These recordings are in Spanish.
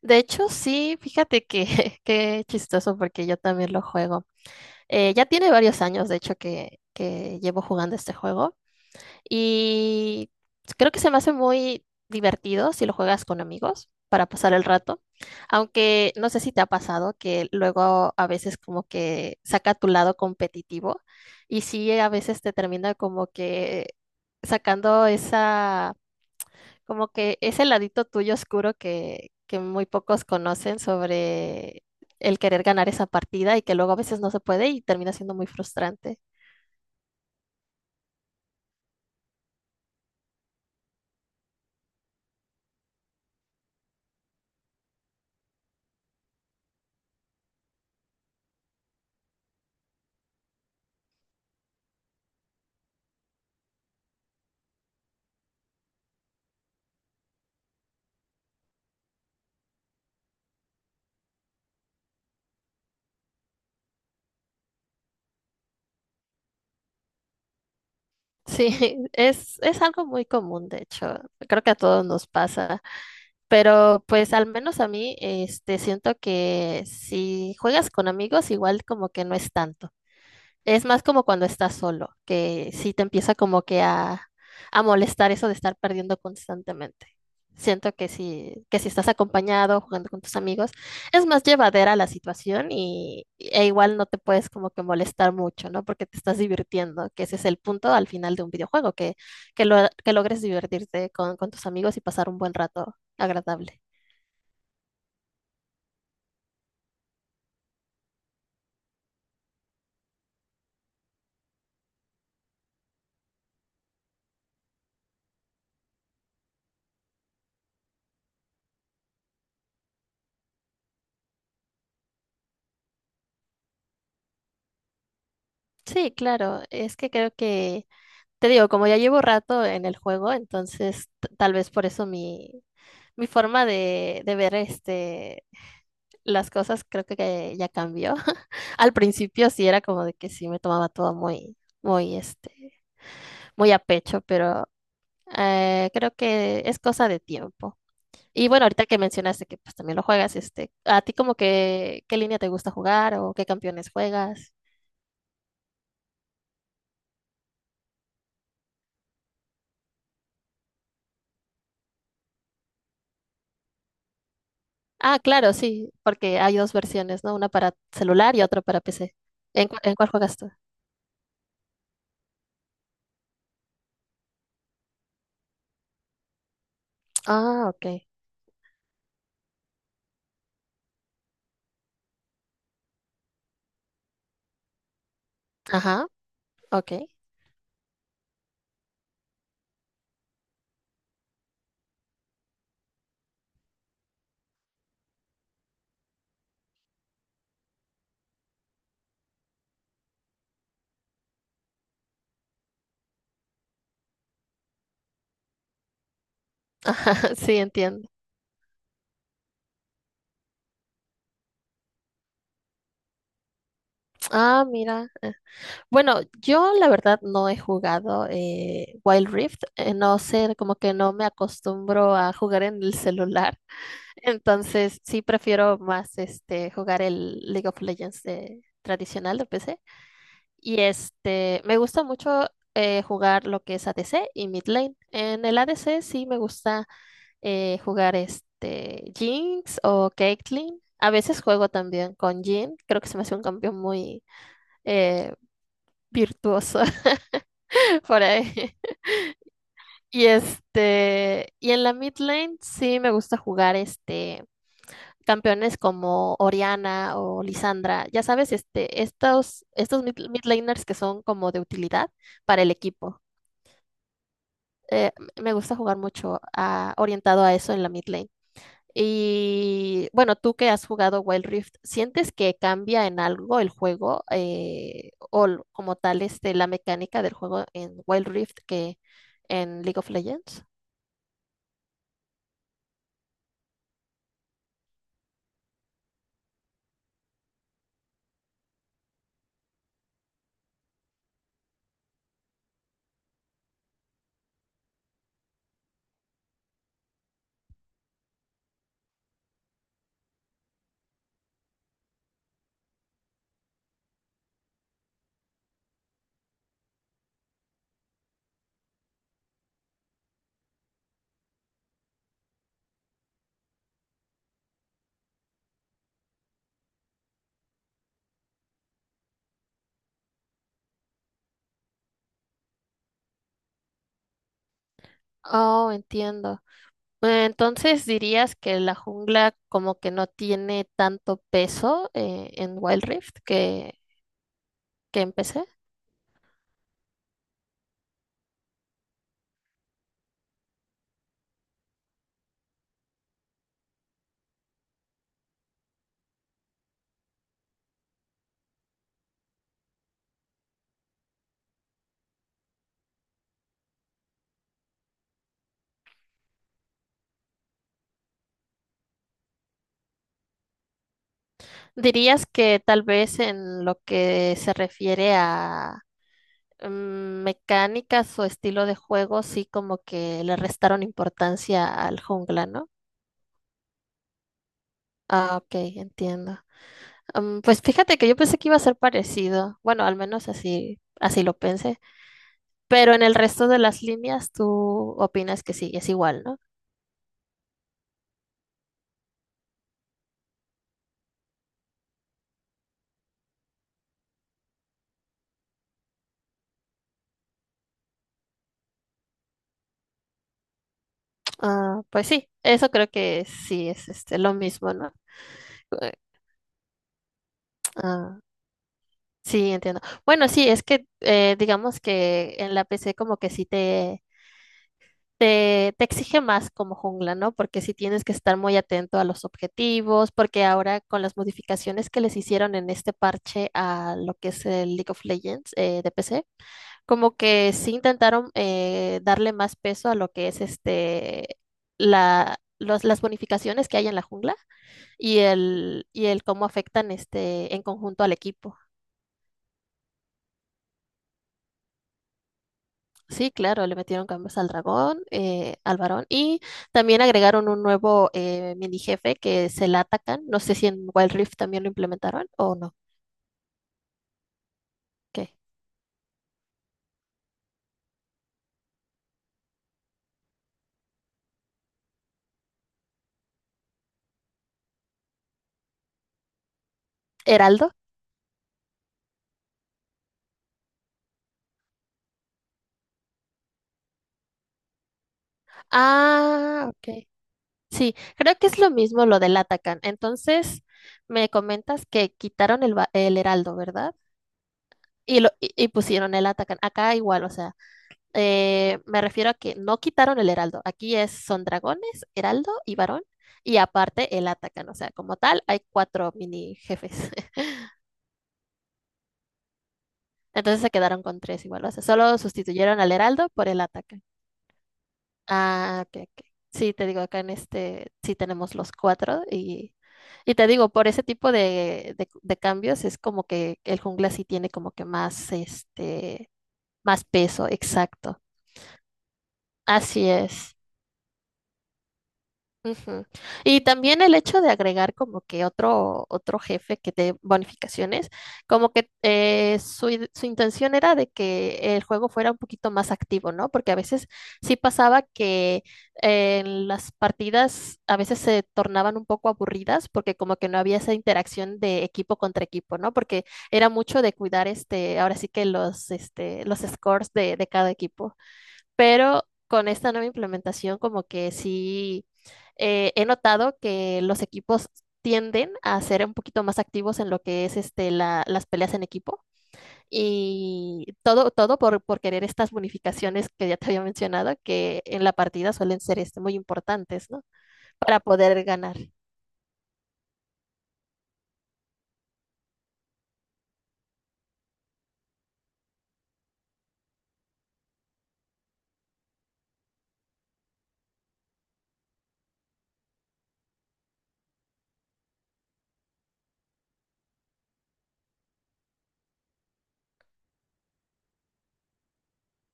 De hecho, sí, fíjate que qué chistoso porque yo también lo juego. Ya tiene varios años, de hecho, que llevo jugando este juego y creo que se me hace muy divertido si lo juegas con amigos para pasar el rato. Aunque no sé si te ha pasado que luego a veces como que saca tu lado competitivo y sí, a veces te termina como que sacando esa como que ese ladito tuyo oscuro que muy pocos conocen sobre el querer ganar esa partida y que luego a veces no se puede y termina siendo muy frustrante. Sí, es algo muy común, de hecho. Creo que a todos nos pasa. Pero pues al menos a mí, este, siento que si juegas con amigos, igual como que no es tanto. Es más como cuando estás solo, que sí te empieza como que a molestar eso de estar perdiendo constantemente. Siento que si estás acompañado, jugando con tus amigos, es más llevadera la situación y, e igual no te puedes como que molestar mucho, ¿no? Porque te estás divirtiendo, que ese es el punto al final de un videojuego, que logres divertirte con tus amigos y pasar un buen rato agradable. Sí, claro, es que creo que te digo, como ya llevo rato en el juego, entonces tal vez por eso mi, mi forma de ver este, las cosas creo que ya cambió. Al principio sí era como de que sí me tomaba todo muy, muy, este, muy a pecho, pero creo que es cosa de tiempo. Y bueno, ahorita que mencionaste que pues también lo juegas, este, ¿a ti como que qué línea te gusta jugar o qué campeones juegas? Ah, claro, sí, porque hay dos versiones, ¿no? Una para celular y otra para PC. ¿En, en cuál juegas tú? Ah, ok. Ajá, ok. Sí, entiendo. Ah, mira. Bueno, yo la verdad no he jugado Wild Rift. No sé, como que no me acostumbro a jugar en el celular. Entonces, sí prefiero más este jugar el League of Legends tradicional de PC. Y este, me gusta mucho jugar lo que es ADC y mid lane. En el ADC sí me gusta. Jugar este Jinx o Caitlyn. A veces juego también con Jhin. Creo que se me hace un cambio muy eh, virtuoso por ahí. Y este, y en la mid lane sí me gusta jugar este campeones como Oriana o Lisandra. Ya sabes, este, estos mid laners que son como de utilidad para el equipo. Eh, Me gusta jugar mucho orientado a eso en la mid lane. Y bueno, tú que has jugado Wild Rift, ¿sientes que cambia en algo el juego como tal este, la mecánica del juego en Wild Rift que en League of Legends? Oh, entiendo. Entonces dirías que la jungla como que no tiene tanto peso en Wild Rift que empecé. ¿Dirías que tal vez en lo que se refiere a mm, mecánicas o estilo de juego, sí como que le restaron importancia al jungla, ¿no? Ah, ok, entiendo. Mm, pues fíjate que yo pensé que iba a ser parecido. Bueno, al menos así, así lo pensé. Pero en el resto de las líneas, tú opinas que sí, es igual, ¿no? Ah, pues sí, eso creo que sí es este, lo mismo, ¿no? Eh, Ah, sí, entiendo. Bueno, sí, es que digamos que en la PC como que sí te exige más como jungla, ¿no? Porque sí tienes que estar muy atento a los objetivos, porque ahora con las modificaciones que les hicieron en este parche a lo que es el League of Legends de PC, como que sí intentaron darle más peso a lo que es este, las bonificaciones que hay en la jungla y el cómo afectan este en conjunto al equipo. Sí, claro, le metieron cambios al dragón, al varón, y también agregaron un nuevo mini jefe que se la atacan. No sé si en Wild Rift también lo implementaron o no. ¿Qué? ¿Heraldo? Ah, ok. Sí, creo que es lo mismo lo del Atacan. Entonces, me comentas que quitaron el heraldo, ¿verdad? Y pusieron el Atacan. Acá igual, o sea. Me refiero a que no quitaron el heraldo. Aquí es, son dragones, heraldo y varón. Y aparte el atacan. O sea, como tal, hay cuatro mini jefes. Entonces se quedaron con tres igual. O sea, solo sustituyeron al heraldo por el atacan. Ah, ok, ok. Sí, te digo, acá en este sí tenemos los cuatro. Y te digo, por ese tipo de cambios es como que el jungla sí tiene como que más, este, más peso. Exacto. Así es. Ujú. Y también el hecho de agregar como que otro, otro jefe que dé bonificaciones, como que su intención era de que el juego fuera un poquito más activo, ¿no? Porque a veces sí pasaba que las partidas a veces se tornaban un poco aburridas porque como que no había esa interacción de equipo contra equipo, ¿no? Porque era mucho de cuidar este, ahora sí que los, este, los scores de cada equipo pero con esta nueva implementación como que sí he notado que los equipos tienden a ser un poquito más activos en lo que es este, las peleas en equipo y todo, todo por querer estas bonificaciones que ya te había mencionado, que en la partida suelen ser este, muy importantes, ¿no? Para poder ganar.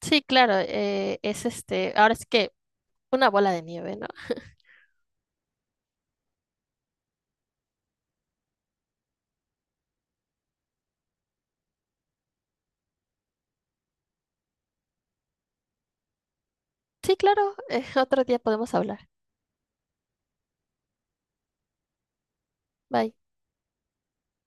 Sí, claro, es este, ahora es que una bola de nieve, ¿no? Sí, claro, otro día podemos hablar. Bye.